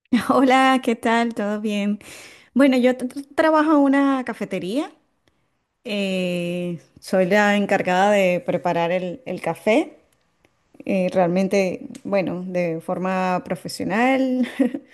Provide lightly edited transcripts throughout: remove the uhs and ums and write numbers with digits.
Hola, ¿qué tal? ¿Todo bien? Bueno, yo trabajo en una cafetería. Soy la encargada de preparar el café, realmente, bueno, de forma profesional.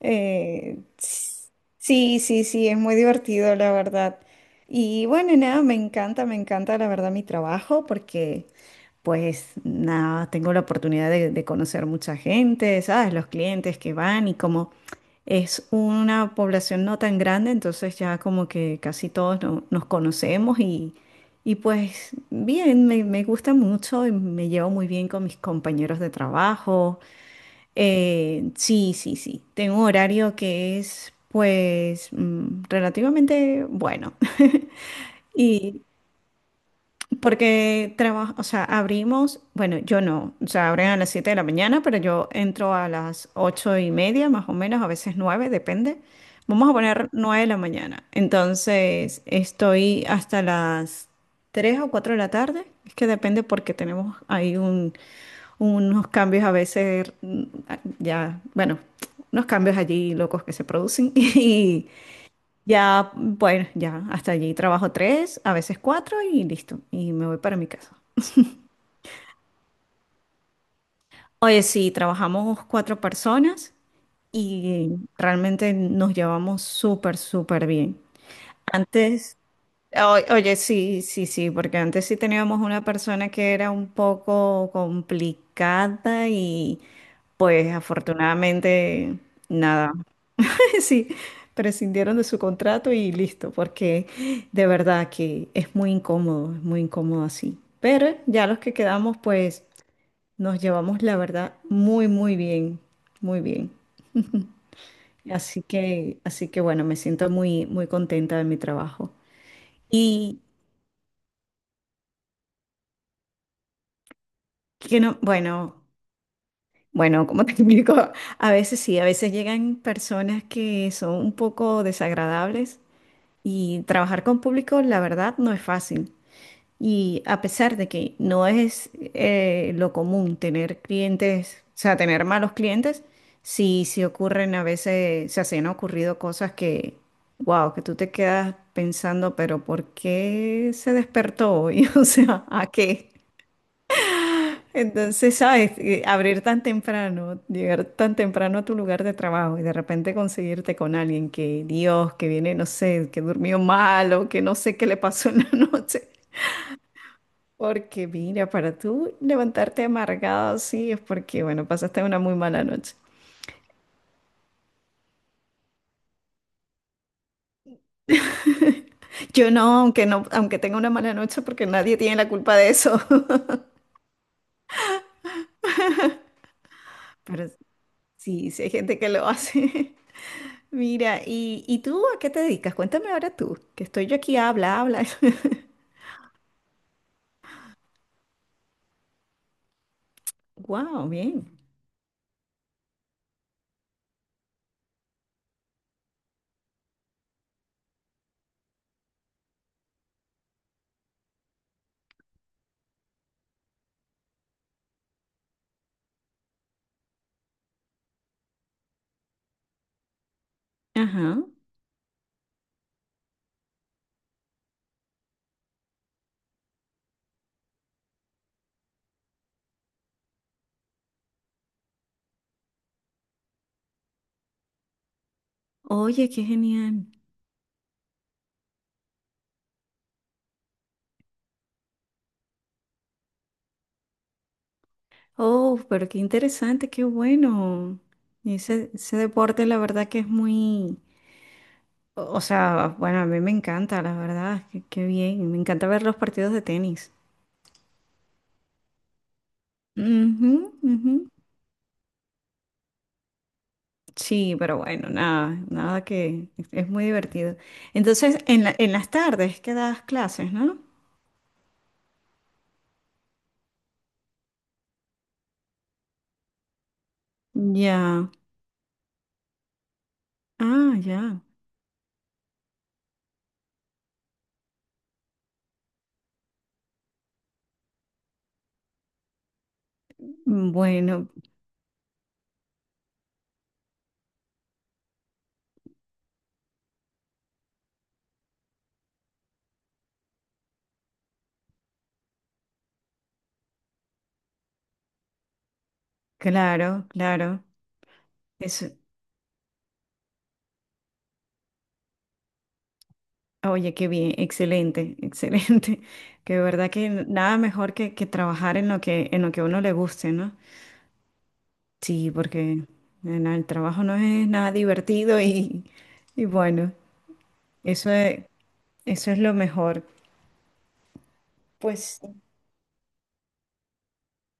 Eh, s- sí, sí, sí, es muy divertido, la verdad. Y bueno, nada, me encanta, la verdad, mi trabajo porque, pues, nada, tengo la oportunidad de conocer mucha gente, ¿sabes? Los clientes que van, y como es una población no tan grande, entonces ya como que casi todos nos conocemos. Y pues bien, me gusta mucho y me llevo muy bien con mis compañeros de trabajo. Sí, sí, sí. Tengo un horario que es pues, relativamente bueno. Y, Porque trabajo, o sea, abrimos, bueno, yo no, o sea, abren a las 7 de la mañana, pero yo entro a las 8:30, más o menos, a veces 9, depende. Vamos a poner 9 de la mañana. Entonces, estoy hasta las 3 o 4 de la tarde. Es que depende porque tenemos ahí unos cambios a veces, ya, bueno, unos cambios allí locos que se producen. Y. Ya, bueno, ya, hasta allí trabajo 3, a veces 4 y listo. Y me voy para mi casa. Oye, sí, trabajamos cuatro personas y realmente nos llevamos súper, súper bien. Antes, oye, sí, sí, sí, porque antes sí teníamos una persona que era un poco complicada y pues, afortunadamente, nada. Sí, prescindieron de su contrato y listo, porque de verdad que es muy incómodo así. Pero ya los que quedamos, pues nos llevamos la verdad muy, muy bien, muy bien. Así que bueno, me siento muy, muy contenta de mi trabajo. Y que no, bueno, bueno, como te explico, a veces sí, a veces llegan personas que son un poco desagradables, y trabajar con público, la verdad, no es fácil. Y a pesar de que no es, lo común tener clientes, o sea, tener malos clientes, sí, sí ocurren a veces, o sea, se han ocurrido cosas que, wow, que tú te quedas pensando, pero ¿por qué se despertó hoy? O sea, ¿a qué? Entonces, ¿sabes? Abrir tan temprano, llegar tan temprano a tu lugar de trabajo y de repente conseguirte con alguien que, Dios, que viene, no sé, que durmió mal o que no sé qué le pasó en la noche. Porque mira, para tú levantarte amargado así es porque, bueno, pasaste una muy mala noche. Yo no, aunque no, aunque tenga una mala noche, porque nadie tiene la culpa de eso. Pero sí, sí hay gente que lo hace. Mira, ¿y tú a qué te dedicas? Cuéntame ahora tú, que estoy yo aquí, habla, habla. Wow, bien. Ajá. Oye, qué genial. Oh, pero qué interesante, qué bueno. Ese deporte, la verdad que es muy... O sea, bueno, a mí me encanta, la verdad, qué bien, me encanta ver los partidos de tenis. Ujú, ujú. Sí, pero bueno, nada, nada que es muy divertido. Entonces, en las tardes que das clases, ¿no? Ya, ah, ya. Bueno, claro, claro. Eso, oye, qué bien, excelente, excelente. Que de verdad que nada mejor que trabajar en lo que a uno le guste, ¿no? Sí, porque en el trabajo no es nada divertido y bueno, eso es, eso es lo mejor. Pues,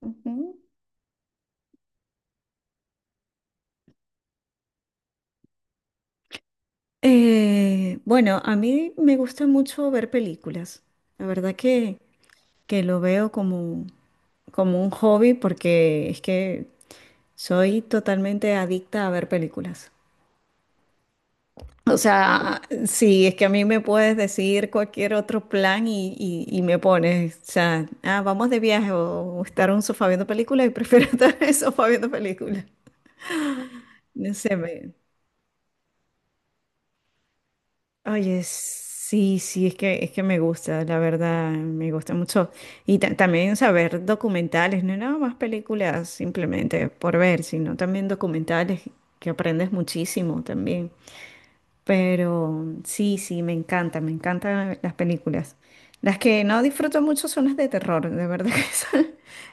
ujú. Bueno, a mí me gusta mucho ver películas. La verdad que lo veo como un hobby porque es que soy totalmente adicta a ver películas. O sea, sí, es que a mí me puedes decir cualquier otro plan y me pones, o sea, ah, vamos de viaje o estar en un sofá viendo películas, y prefiero estar en el sofá viendo películas. No sé, me... Oye, sí, sí, es que me gusta, la verdad, me gusta mucho. Y también saber documentales, no nada más películas simplemente por ver, sino también documentales que aprendes muchísimo también. Pero sí, sí, me encanta, me encantan las películas. Las que no disfruto mucho son las de terror, de verdad que esa-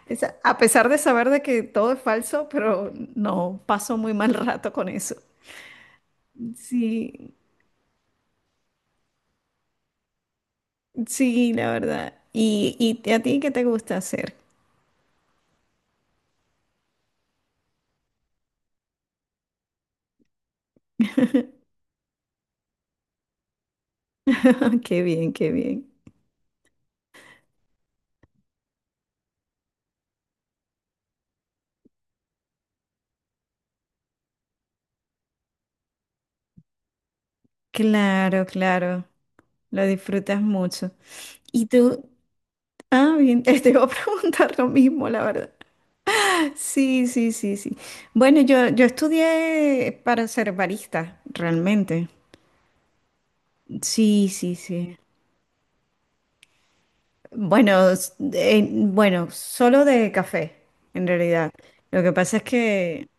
esa- a pesar de saber de que todo es falso, pero no, paso muy mal rato con eso. Sí, sí, la verdad. ¿Y a ti qué te gusta hacer? Qué bien, qué bien. Claro, claro, lo disfrutas mucho. Y tú, ah, bien, te iba a preguntar lo mismo, la verdad. Sí, sí, sí, sí. Bueno, yo estudié para ser barista, realmente. Sí, sí, sí. Bueno, bueno, solo de café, en realidad. Lo que pasa es que...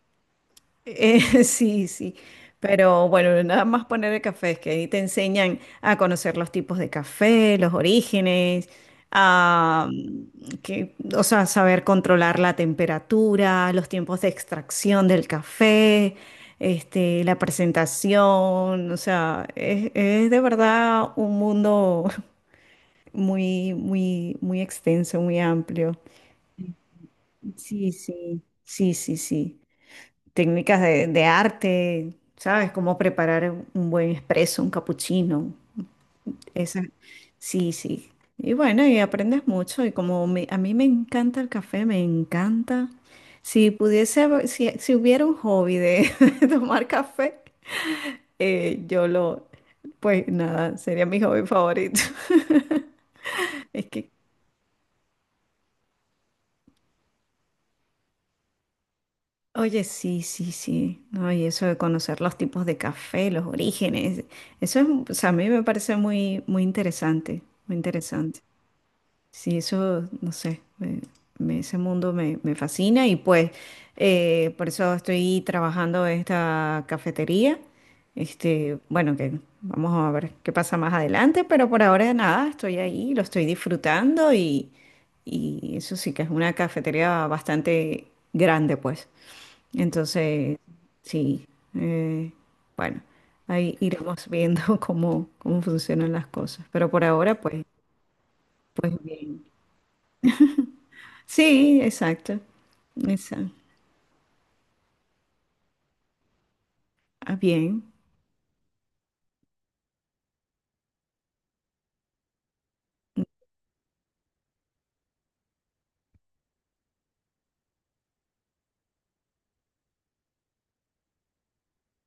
Sí, sí, pero bueno, nada más poner el café, es que ahí te enseñan a conocer los tipos de café, los orígenes, a, que, o sea, saber controlar la temperatura, los tiempos de extracción del café, este, la presentación, o sea, es de verdad un mundo muy, muy, muy extenso, muy amplio. Sí, sí, sí, sí, sí, técnicas de arte, ¿sabes? Cómo preparar un buen espresso, un cappuccino. Esa. Sí, sí. Y bueno, y aprendes mucho. Y como a mí me encanta el café, me encanta. Si pudiese... Si hubiera un hobby de tomar café, yo lo, pues nada, sería mi hobby favorito. Es que... Oye, sí, sí, sí. No, y eso de conocer los tipos de café, los orígenes, eso es, o sea, a mí me parece muy, muy interesante, muy interesante. Sí, eso, no sé, ese mundo me fascina y pues, por eso estoy trabajando en esta cafetería. Este, bueno, que vamos a ver qué pasa más adelante, pero por ahora nada, estoy ahí, lo estoy disfrutando. Y eso sí que es una cafetería bastante grande, pues. Entonces, sí, eh, bueno, ahí iremos viendo cómo funcionan las cosas, pero por ahora pues... Sí, exacto. Exacto. Ah, bien.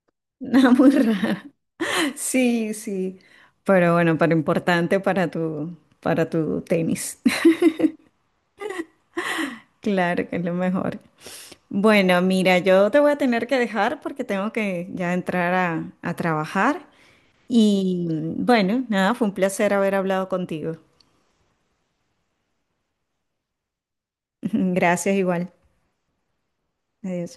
Nada muy rara. Sí, sí. Pero bueno, para importante para tu tenis. Claro que es lo mejor. Bueno, mira, yo te voy a tener que dejar porque tengo que ya entrar a trabajar. Y, bueno, nada, fue un placer haber hablado contigo. Gracias igual. Adiós.